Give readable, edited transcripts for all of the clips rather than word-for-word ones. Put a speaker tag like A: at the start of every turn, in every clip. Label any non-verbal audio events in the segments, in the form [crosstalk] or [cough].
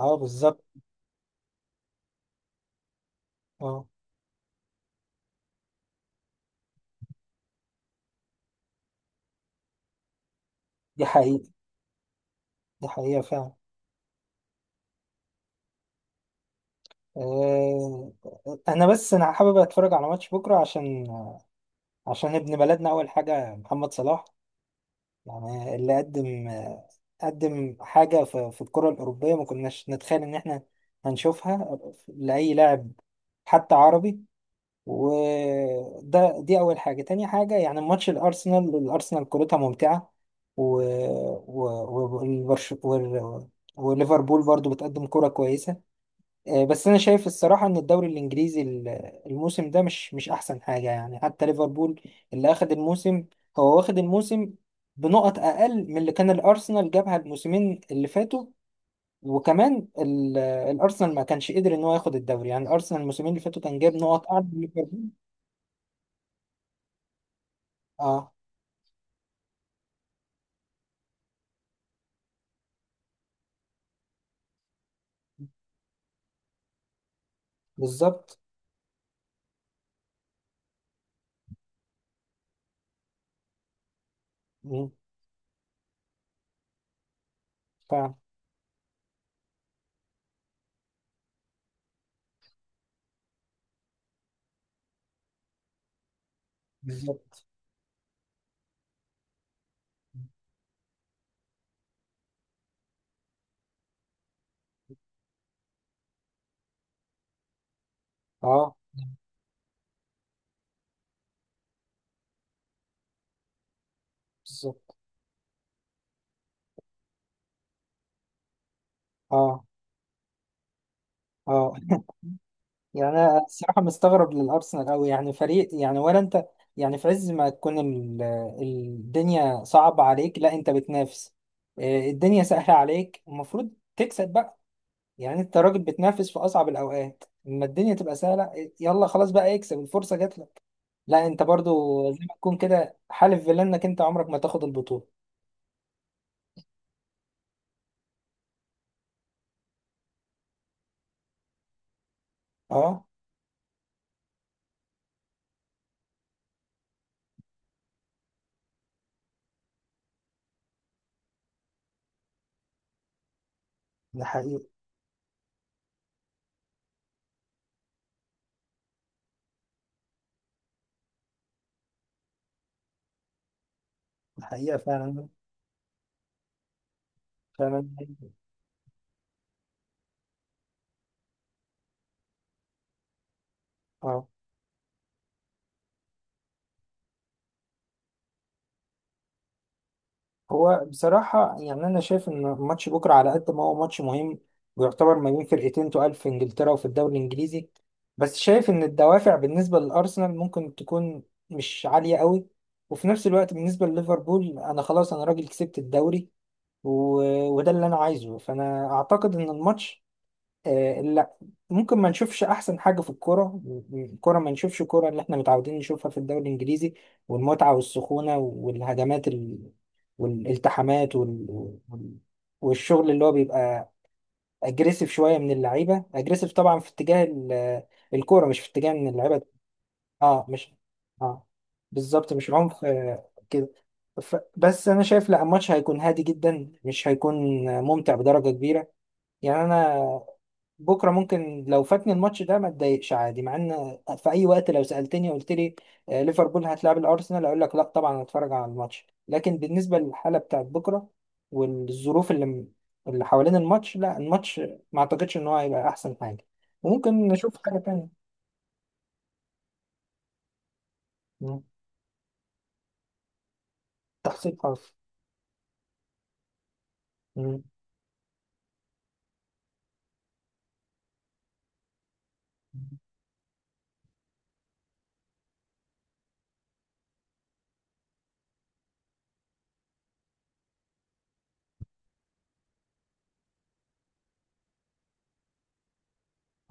A: اه، بالظبط. اه. دي حقيقة. دي حقيقة فعلا. آه، انا حابب اتفرج على ماتش بكرة عشان ابن بلدنا، اول حاجة محمد صلاح، يعني اللي قدم حاجة في الكرة الأوروبية ما كناش نتخيل ان احنا هنشوفها لأي لاعب حتى عربي. وده، دي اول حاجه. تاني حاجه يعني ماتش الارسنال كورتها ممتعه، و و و- والبرش وال- وليفربول برضو بتقدم كرة كويسة. بس أنا شايف الصراحة إن الدوري الإنجليزي الموسم ده مش أحسن حاجة، يعني حتى ليفربول اللي أخد الموسم، هو واخد الموسم بنقط أقل من اللي كان الأرسنال جابها الموسمين اللي فاتوا. وكمان الأرسنال ما كانش قدر إن هو ياخد الدوري. يعني الأرسنال الموسمين اللي فاتوا كان جاب نقط أعلى من ليفربول. اه، بالظبط. مم. فعلا. بالظبط. اه، بالظبط. اه. اه. [laughs] يعني انا الصراحه مستغرب للارسنال قوي، يعني فريق، يعني ولا انت يعني في عز ما تكون الدنيا صعبه عليك لا انت بتنافس، الدنيا سهله عليك، المفروض تكسب بقى. يعني انت راجل بتنافس في اصعب الاوقات، لما الدنيا تبقى سهله يلا خلاص بقى اكسب، الفرصه جات لك. لا انت برضو زي ما تكون كده حالف فيلا انك انت عمرك ما تاخد البطوله. اه. ده حقيقي. ده حقيقه فعلا. تمام. اه. هو بصراحة يعني أنا شايف إن ماتش بكرة على قد ما هو ماتش مهم، ويعتبر ما بين فرقتين تقال في إنجلترا وفي الدوري الإنجليزي، بس شايف إن الدوافع بالنسبة للأرسنال ممكن تكون مش عالية قوي. وفي نفس الوقت بالنسبة لليفربول، أنا خلاص أنا راجل كسبت الدوري، و... وده اللي أنا عايزه. فأنا أعتقد إن الماتش لا، ممكن ما نشوفش احسن حاجه في الكوره، الكوره ما نشوفش الكوره اللي احنا متعودين نشوفها في الدوري الانجليزي، والمتعه والسخونه والهجمات والالتحامات وال... والشغل اللي هو بيبقى اجريسيف شويه، من اللعيبه اجريسيف طبعا في اتجاه الكوره، مش في اتجاه ان اللعيبه اه مش اه، بالظبط، مش عنف كده. بس انا شايف لا الماتش هيكون هادي جدا، مش هيكون ممتع بدرجه كبيره. يعني انا بكره ممكن لو فاتني الماتش ده ما اتضايقش عادي، مع ان في اي وقت لو سالتني قلت لي ليفربول هتلعب الارسنال، اقول لك لا طبعا هتفرج على الماتش. لكن بالنسبه للحاله بتاعت بكره والظروف اللي حوالين الماتش، لا، الماتش ما اعتقدش ان هو هيبقى احسن حاجه، وممكن نشوف حاجه تانية. مم. تحصيل خاص. مم.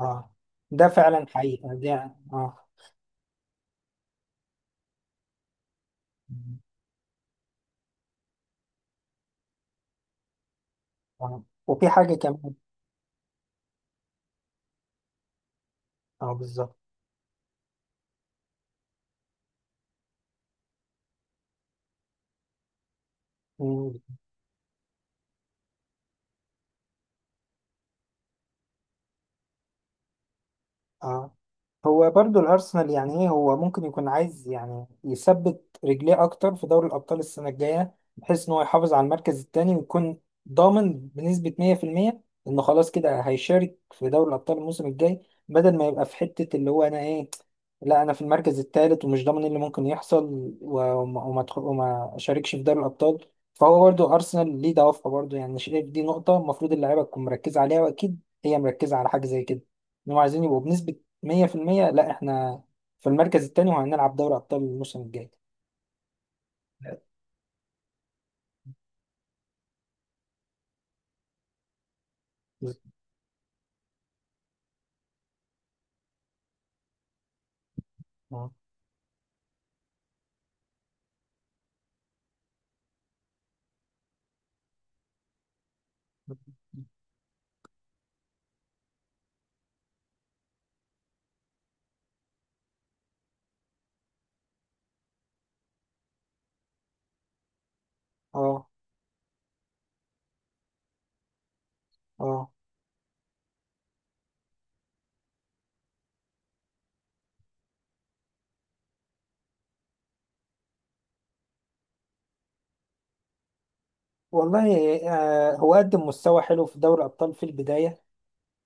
A: اه. ده فعلا حقيقه دي، يعني اه. مم. آه. وفي حاجه كمان. اه بالظبط. مم. اه. هو برضو الأرسنال يعني إيه، هو ممكن يكون عايز يعني يثبت رجليه أكتر في دوري الأبطال السنة الجاية، بحيث إن هو يحافظ على المركز التاني ويكون ضامن بنسبة 100% إنه خلاص كده هيشارك في دوري الأبطال الموسم الجاي، بدل ما يبقى في حتة اللي هو أنا إيه، لا أنا في المركز التالت ومش ضامن إيه اللي ممكن يحصل، وما وما أشاركش في دوري الأبطال. فهو برضو أرسنال ليه دوافعه برضو، يعني شايف دي نقطة المفروض اللعيبة تكون مركزة عليها، وأكيد هي مركزة على حاجة زي كده، إنهم عايزين يبقوا بنسبة مية في المية، لا احنا في المركز التاني وهنلعب دوري أبطال الموسم الجاي. آه. اه. اه. والله، آه، هو قدم مستوى حلو في دوري الأبطال في البداية.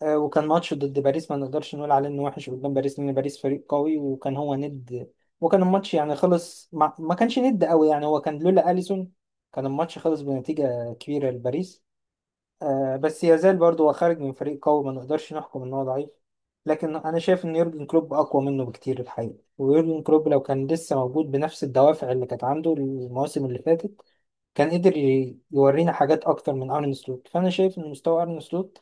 A: آه، وكان ماتش ضد باريس ما نقدرش نقول عليه إنه وحش قدام باريس، لأن باريس فريق قوي وكان هو ند، وكان الماتش يعني خلص، ما كانش ند قوي، يعني هو كان لولا أليسون كان الماتش خلص بنتيجة كبيرة لباريس. آه، بس يزال برضه هو خارج من فريق قوي، ما نقدرش نحكم ان هو ضعيف. لكن انا شايف ان يورجن كلوب اقوى منه بكتير الحقيقه، ويورجن كلوب لو كان لسه موجود بنفس الدوافع اللي كانت عنده المواسم اللي فاتت كان قدر يورينا حاجات اكتر من ارن سلوت. فانا شايف ان مستوى ارن سلوت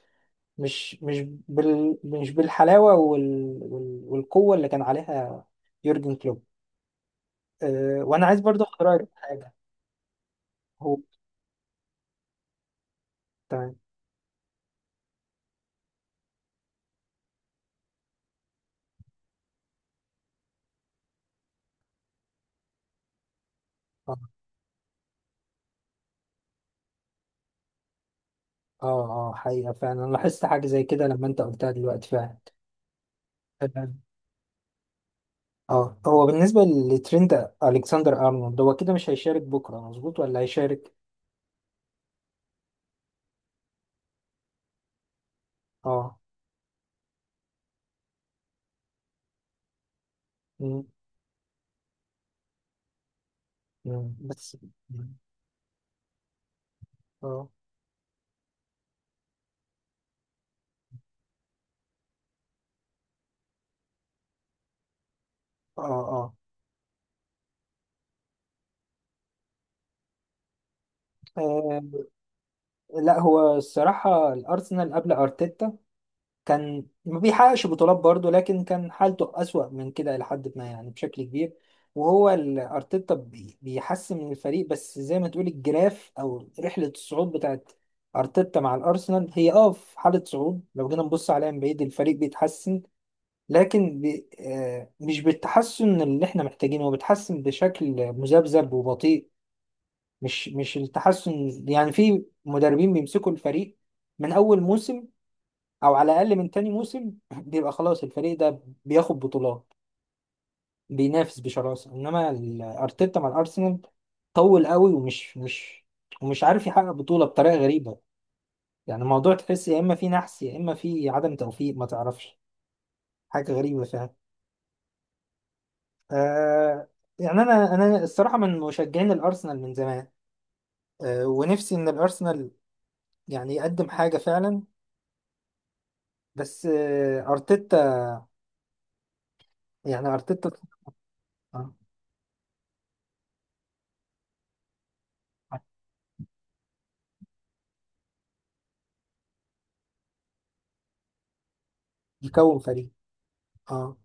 A: مش مش بالحلاوه والقوه اللي كان عليها يورجن كلوب. آه، وانا عايز برضه اخد رايك في حاجه. هو تمام. اه. اه، حقيقه فعلا، انا لاحظت حاجه زي كده لما انت قلتها دلوقتي فعلا. تمام. اه، هو بالنسبة لترند ألكسندر أرنولد، هو كده مش هيشارك بكرة مظبوط ولا هيشارك؟ اه. مم. بس مم. اه. اه. اه. آه، لا، هو الصراحة الأرسنال قبل أرتيتا كان ما بيحققش بطولات برضه، لكن كان حالته أسوأ من كده لحد ما، يعني بشكل كبير. وهو أرتيتا بيحسن من الفريق، بس زي ما تقول الجراف أو رحلة الصعود بتاعت أرتيتا مع الأرسنال هي، أه، في حالة صعود لو جينا نبص عليها من بعيد الفريق بيتحسن، لكن بي آه مش بالتحسن اللي احنا محتاجينه. هو بيتحسن بشكل مذبذب وبطيء، مش التحسن يعني. في مدربين بيمسكوا الفريق من أول موسم او على الاقل من تاني موسم [clears throat] بيبقى خلاص الفريق ده بياخد بطولات، بينافس بشراسه. انما ارتيتا مع الارسنال طول قوي ومش مش ومش عارف يحقق بطوله بطريقه غريبه. يعني الموضوع تحس يا اما في نحس يا اما في عدم توفيق، ما تعرفش، حاجه غريبه فعلا. آه، يعني انا الصراحه من مشجعين الارسنال من زمان. آه، ونفسي ان الارسنال يعني يقدم حاجه فعلا، بس آه ارتيتا، يعني ارتيتا آه. يكون فريق. اه.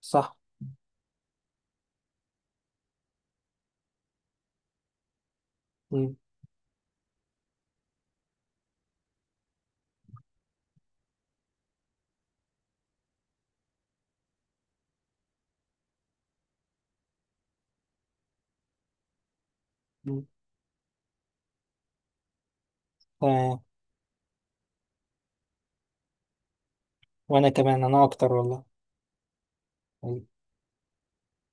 A: صح. تمام. وانا كمان، انا اكتر، والله.